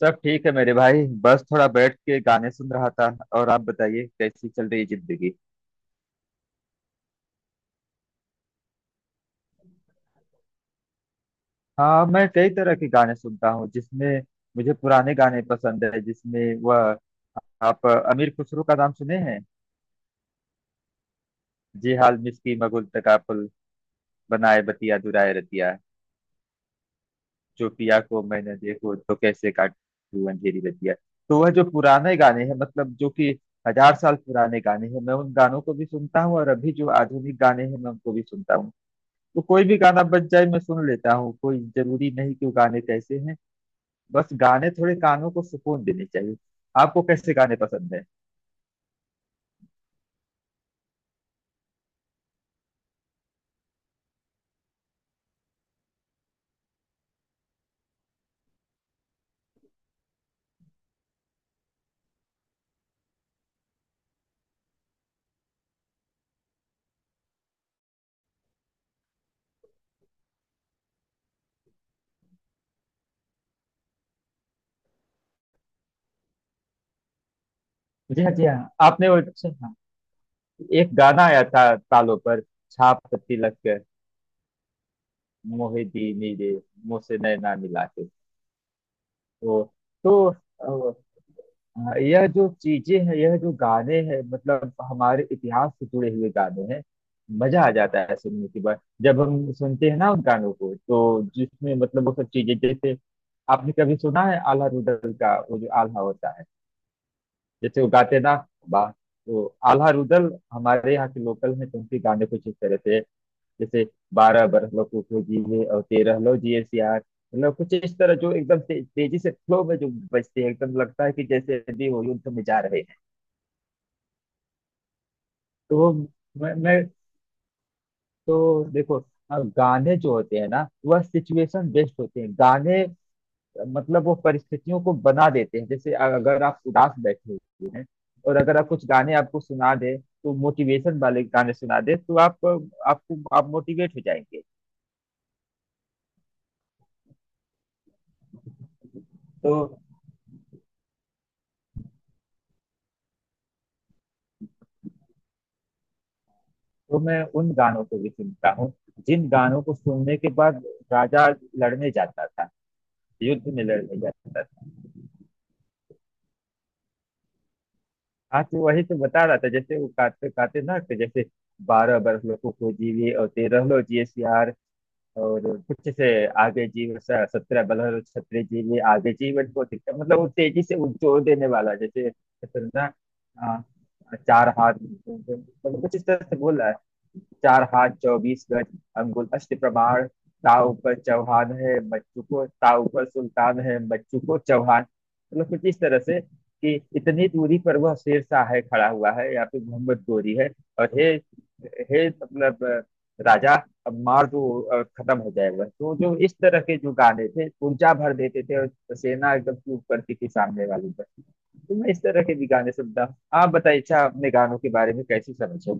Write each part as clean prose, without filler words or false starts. सब ठीक है मेरे भाई, बस थोड़ा बैठ के गाने सुन रहा था। और आप बताइए, कैसी चल रही है जिंदगी। हाँ, मैं कई तरह के गाने सुनता हूँ, जिसमें मुझे पुराने गाने पसंद है, जिसमें वह आप अमीर खुसरो का नाम सुने हैं। जे हाल मिसकी मगुल तकापुल, बनाए बतिया दुराए रतिया, जो पिया को मैंने देखो तो कैसे काटू अंधेरी रतिया। तो वह जो पुराने गाने हैं, मतलब जो कि 1000 साल पुराने गाने हैं, मैं उन गानों को भी सुनता हूँ, और अभी जो आधुनिक गाने हैं, मैं उनको भी सुनता हूँ। तो कोई भी गाना बज जाए मैं सुन लेता हूँ, कोई जरूरी नहीं कि वो गाने कैसे हैं। बस गाने थोड़े कानों को सुकून देने चाहिए। आपको कैसे गाने पसंद है। जी हाँ, जी हाँ। आपने वो अच्छा, हाँ, एक गाना आया था तालों पर, छाप तिलक, मोहे दी नीरे, मुझसे नैना मिला के। तो, तो हाँ, यह जो चीजें हैं, यह जो गाने हैं, मतलब हमारे इतिहास से जुड़े हुए गाने हैं। मजा आ जाता है सुनने के बाद, जब हम सुनते हैं ना उन गानों को, तो जिसमें मतलब वो सब चीजें, जैसे आपने कभी सुना है आल्हा रुदल का, वो जो आल्हा होता है जैसे वो गाते ना। वाह, तो आल्हा रुदल हमारे यहाँ के लोकल हैं, तो उनके गाने कुछ इस तरह से, जैसे, 12 बरस लो कुको जीवे और 13 लो जिए सियार। मतलब कुछ इस तरह, जो एकदम तेजी से फ्लो में जो बजते हैं, एकदम लगता है कि जैसे अभी वो युद्ध में जा रहे। तो वो, मैं तो देखो, हाँ गाने जो होते हैं ना, वह सिचुएशन बेस्ड होते हैं गाने। मतलब वो परिस्थितियों को बना देते हैं। जैसे अगर आप उदास बैठे हुए हैं, और अगर आप कुछ गाने आपको सुना दे, तो मोटिवेशन वाले गाने सुना दे, तो आप आपको आप मोटिवेट हो जाएंगे। तो तो मैं उन गानों को भी सुनता हूँ, जिन गानों को सुनने के बाद राजा लड़ने जाता था, युद्ध में लड़ने जाता था। हाँ तो वही तो बता रहा था, जैसे वो काटते काटते ना, तो जैसे, 12 बरस लोगों को जीवे और तेरह लो जीएसआर, और कुछ से आगे जीव 17 बरस लो छत्र जीवे आगे जीवन को दिखता। मतलब वो तेजी से वो जोर देने वाला जैसे जैसे ना। आ, 4 हाथ, मतलब कुछ इस तरह से बोला, 4 हाथ 24 गज अंगुल 8 प्रमाण, ताव पर चौहान है बच्चू को, ताव पर सुल्तान है बच्चू को चौहान। मतलब कुछ इस तरह से कि इतनी दूरी पर वह शेर शाह है खड़ा हुआ है, या फिर मोहम्मद गोरी है, और हे, हे मतलब राजा अब मार दो, और खत्म हो जाएगा। तो जो इस तरह के जो गाने थे, ऊर्जा भर देते थे, और सेना एकदम चूप करती थी सामने वाली पर। तो मैं इस तरह के भी गाने सुनता हूँ। आप बताइए, अच्छा, अपने गानों के बारे में कैसी समझ है।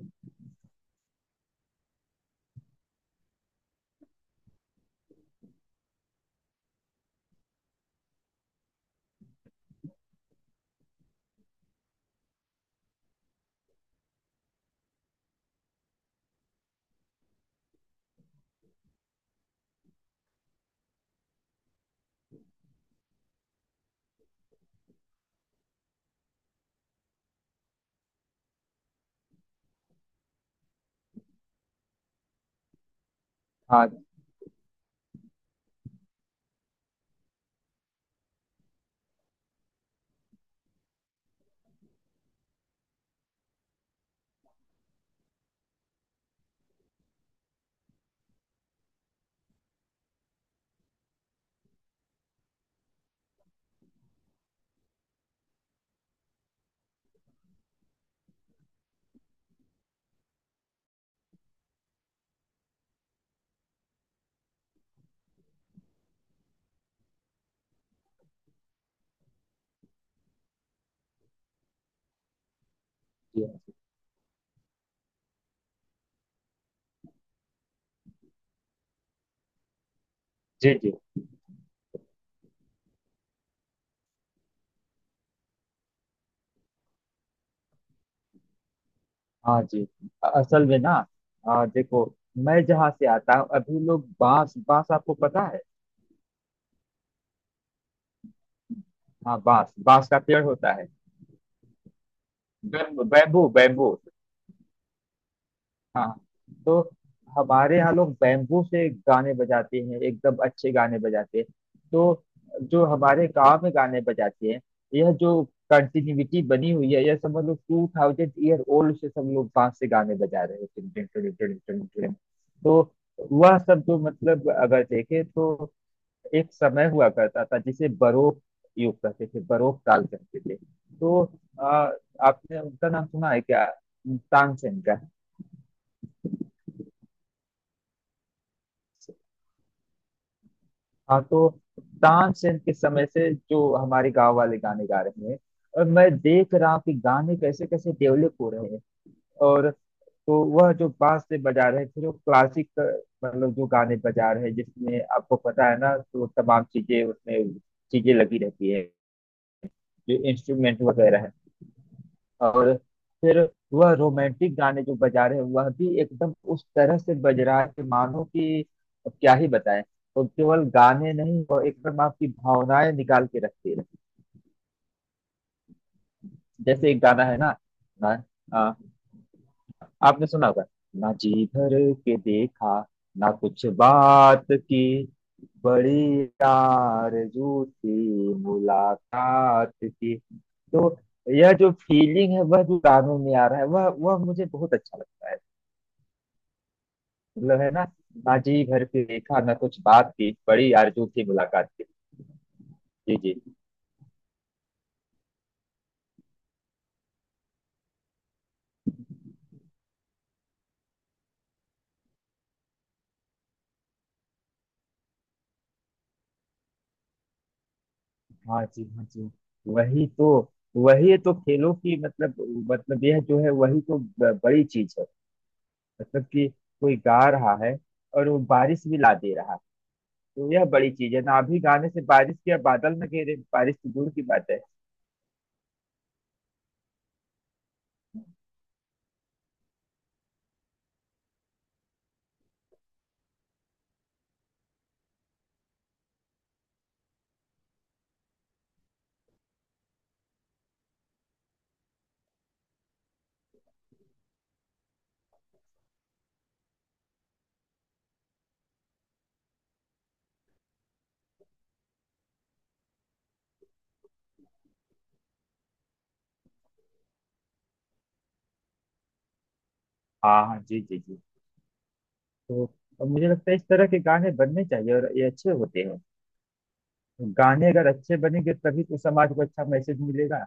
हाँ जी, जी हाँ जी। असल में ना, देखो, मैं जहाँ से आता हूँ, अभी लोग बांस बांस, आपको पता है। हाँ, बांस, बांस का पेड़ होता है। Bamboo, bamboo. हाँ, तो हमारे यहाँ लोग बैम्बू से गाने बजाते हैं, एकदम अच्छे गाने बजाते हैं। तो जो हमारे गांव में गाने बजाते हैं, यह जो कंटिन्यूटी बनी हुई है, यह समझ लो 2000 year old से सब लोग बांस से गाने बजा रहे हैं। टिन टिन टिन टिन टिन टिन। तो वह सब जो मतलब अगर देखे तो, एक समय हुआ करता था जिसे बरोक युग कहते थे, बरोक काल कहते थे। तो आ, आपने उनका नाम सुना है क्या, तानसेन का। हाँ, तो तानसेन के समय से जो हमारे गांव वाले गाने गा रहे हैं, और मैं देख रहा हूँ कि गाने कैसे कैसे डेवलप हो रहे हैं। और तो वह जो बांस से बजा रहे हैं, फिर वो क्लासिक, मतलब जो गाने बजा रहे हैं, जिसमें आपको पता है ना, तो तमाम चीजें उसमें चीजें लगी रहती है, जो इंस्ट्रूमेंट वगैरह है। और फिर वह रोमांटिक गाने जो बजा रहे हैं, वह भी एकदम उस तरह से बज रहा है कि मानो कि अब क्या ही बताएं। तो केवल गाने नहीं, वह एकदम आपकी भावनाएं निकाल के रखती है। जैसे एक गाना है ना, ना आ, आपने सुना होगा, ना जी भर के देखा, ना कुछ बात की, बड़ी आरज़ू थी मुलाकात की। तो यह जो फीलिंग है, वह जो गानों में आ रहा है, वह मुझे बहुत अच्छा लगता है। मतलब है ना, बाजी भर के देखा न कुछ बात थी, बड़ी आरजू थी मुलाकात की। जी जी, हाँ जी, हाँ जी। वही तो, वही तो खेलों की मतलब, मतलब यह जो है वही तो बड़ी चीज है, मतलब कि कोई गा रहा है और वो बारिश भी ला दे रहा है। तो यह बड़ी चीज है ना। अभी गाने से बारिश के बादल न घेरे, बारिश तो दूर की बात है। हाँ, हाँ जी, जी जी। तो अब मुझे लगता है इस तरह के गाने बनने चाहिए, और ये अच्छे होते हैं। गाने अगर अच्छे बनेंगे तभी तो समाज को अच्छा मैसेज मिलेगा।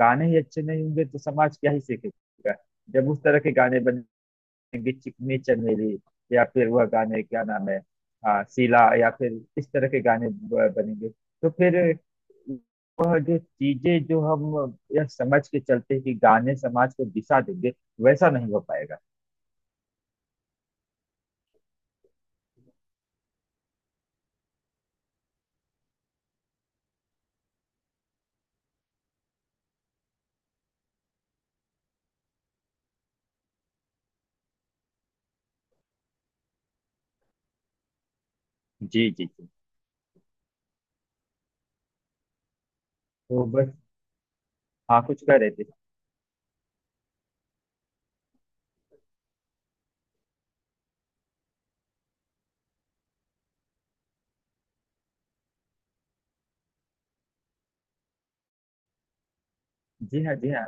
गाने ही अच्छे नहीं होंगे तो समाज क्या ही सीखेगा। जब उस तरह के गाने बनेंगे, चिकनी चमेली या फिर वह गाने क्या नाम है, सीला, या फिर इस तरह के गाने बनेंगे, तो फिर वह जो चीजें, जो हम यह समझ के चलते हैं कि गाने समाज को दिशा देंगे, वैसा नहीं हो पाएगा। जी जी जी। तो बस, हाँ कुछ कह रहे थे। जी हाँ, जी हाँ।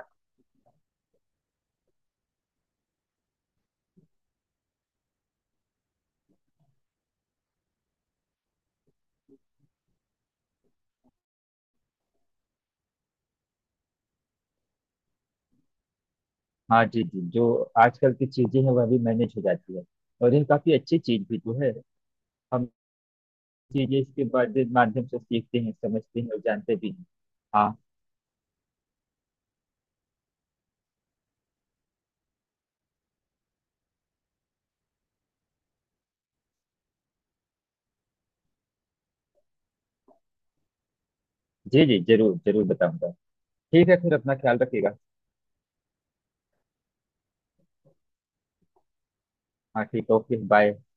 हाँ जी, जी जो आजकल की चीजें हैं वह भी मैनेज हो जाती है, और ये काफी अच्छी चीज भी तो है। हम चीजें इसके बाद माध्यम से सीखते हैं, समझते हैं, और जानते भी हैं। हाँ, जी जी, जरूर जरूर बताऊंगा। ठीक है, फिर अपना ख्याल रखिएगा। हाँ ठीक है, ओके बाय।